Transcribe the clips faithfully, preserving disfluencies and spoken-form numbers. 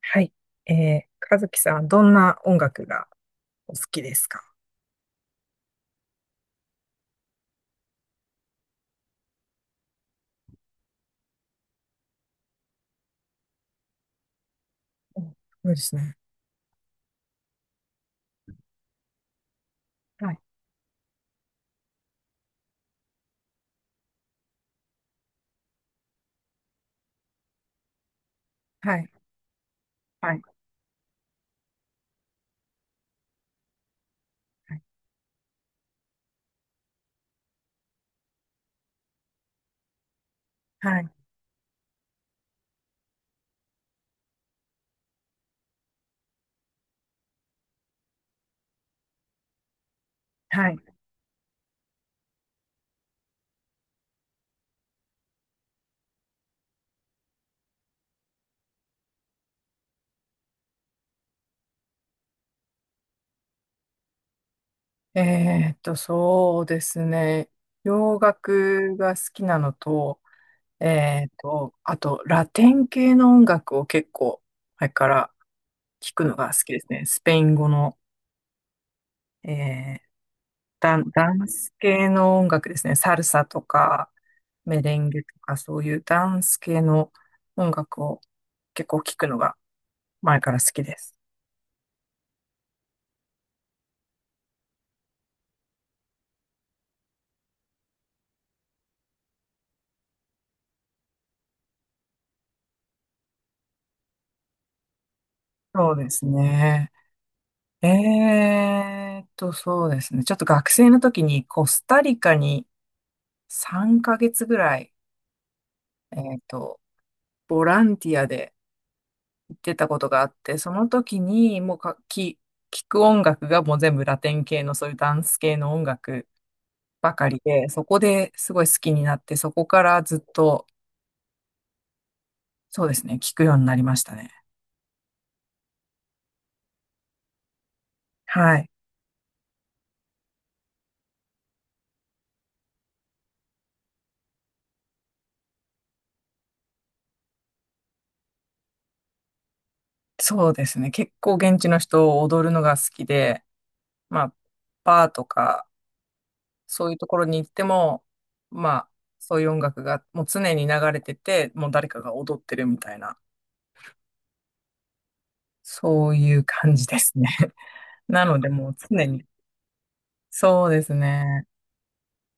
はい。えー、和樹さん、どんな音楽がお好きですか？うん。そうですね。はい、はい、はい、はい、はい。えーっと、そうですね。洋楽が好きなのと、えーっと、あと、ラテン系の音楽を結構、前から聞くのが好きですね。スペイン語の、えーダン、ダンス系の音楽ですね。サルサとか、メレンゲとか、そういうダンス系の音楽を結構聞くのが前から好きです。そうですね。えーっと、そうですね。ちょっと学生の時にコスタリカにさんかげつぐらい、えーっと、ボランティアで行ってたことがあって、その時にもうか、き、聞く音楽がもう全部ラテン系のそういうダンス系の音楽ばかりで、そこですごい好きになって、そこからずっと、そうですね、聞くようになりましたね。はい。そうですね。結構現地の人を踊るのが好きで、まあ、バーとか、そういうところに行っても、まあ、そういう音楽がもう常に流れてて、もう誰かが踊ってるみたいな、そういう感じですね。なのでもう常に、そうですね。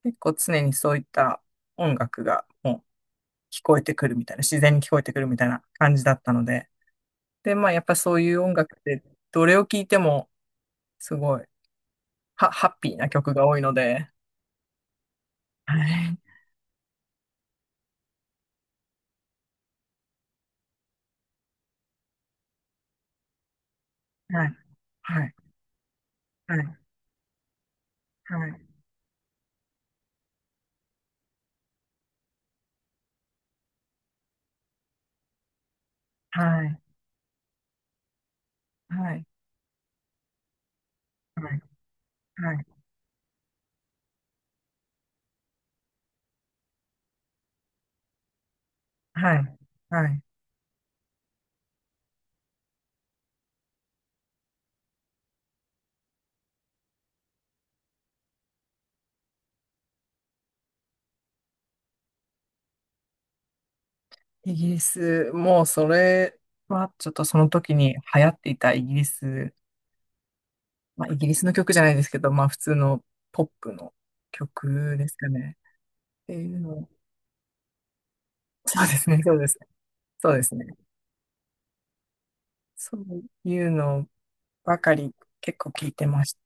結構常にそういった音楽がもう聞こえてくるみたいな、自然に聞こえてくるみたいな感じだったので、で、まあ、やっぱそういう音楽って、どれを聴いても、すごい、ハハッピーな曲が多いので。はい、はい、はい、はい、はい、はい、はい、はい、はい、はい、イギリス、もうそれは、ちょっとその時に流行っていたイギリス、まあ、イギリスの曲じゃないですけど、まあ、普通のポップの曲ですかね。っていうの、そうですね、そうですね。そうですね。そういうのばかり結構聞いてまし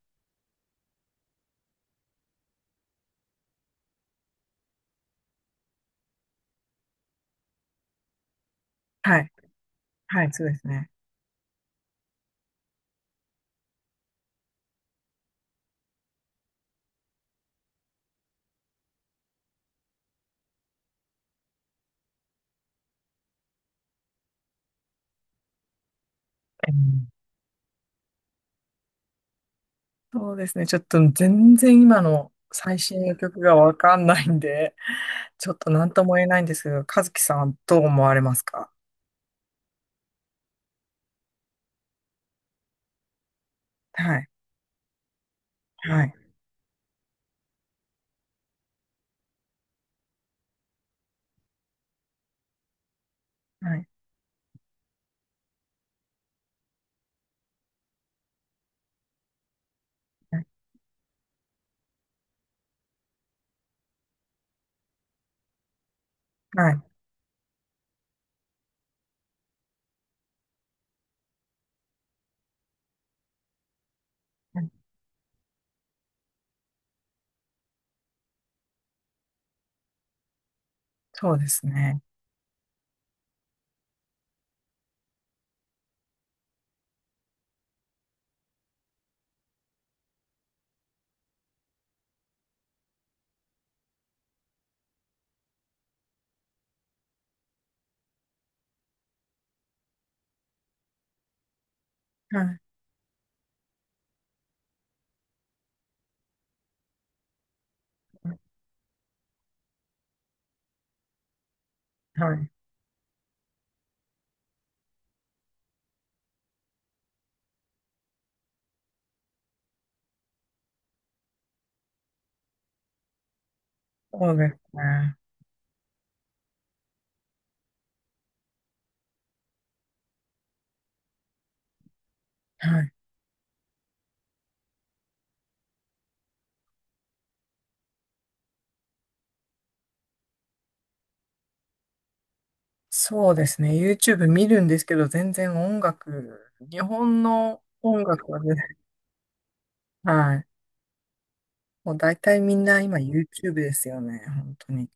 た。はい。はい、そうですね。うん。そうですね。ちょっと全然今の最新の曲がわかんないんで、ちょっと何とも言えないんですけど、和樹さんはどう思われますか？はい。はい。はい。はい。はい。そうですね。はい。はい。そうですね。はい。そうですね。YouTube 見るんですけど、全然音楽、日本の音楽はね、はい。もう大体みんな今 YouTube ですよね。本当に。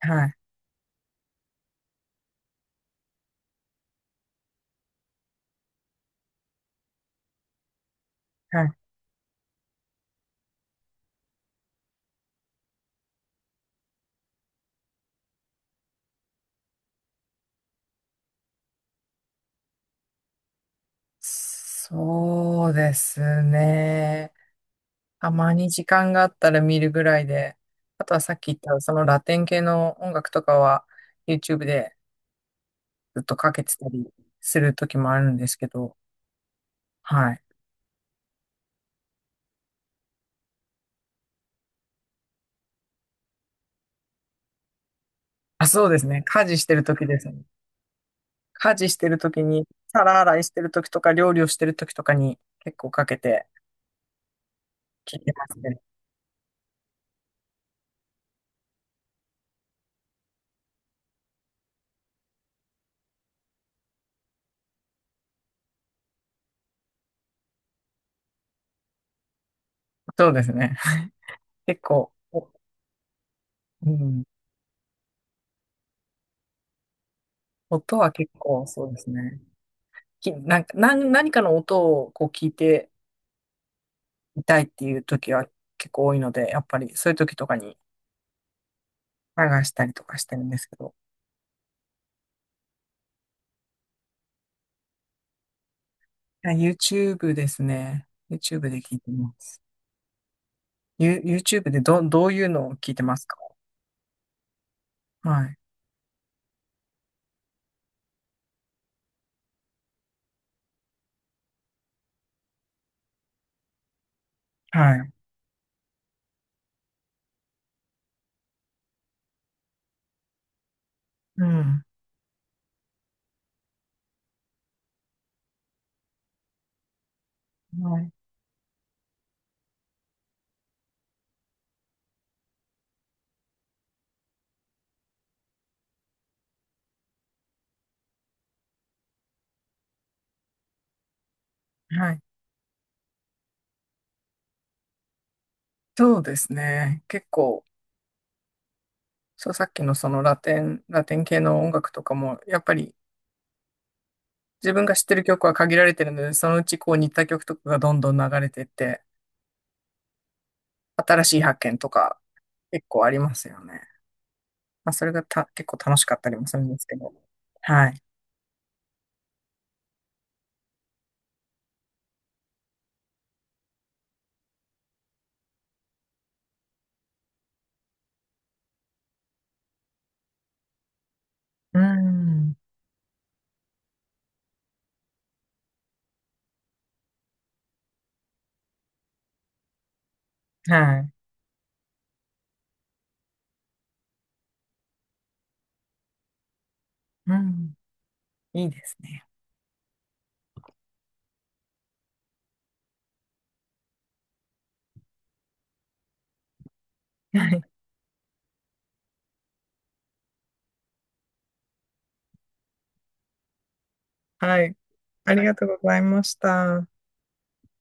はい。はい。そうですね。たまに時間があったら見るぐらいで、あとはさっき言ったそのラテン系の音楽とかは YouTube でずっとかけてたりする時もあるんですけど、はい。あ、そうですね。家事してる時ですね。家事してる時に、皿洗いしてる時とか料理をしてる時とかに結構かけて聞いてますね。そうですね。結構、お。うん。音は結構そうですね。き、なんか、なん、何かの音をこう聞いて、痛いっていう時は結構多いので、やっぱりそういう時とかに流したりとかしてるんですけど。いや、 YouTube ですね。ユーチューブ で聞いてます。ユ YouTube でど、どういうのを聞いてますか？はい。はい。うん。はい。はい。そうですね。結構、そう、さっきのそのラテン、ラテン系の音楽とかも、やっぱり自分が知ってる曲は限られてるので、そのうちこう似た曲とかがどんどん流れてって、新しい発見とか結構ありますよね。まあ、それがた、結構楽しかったりもするんですけど。はい。うん。はい。うん。いいですね。はい。はい。ありがとうございました。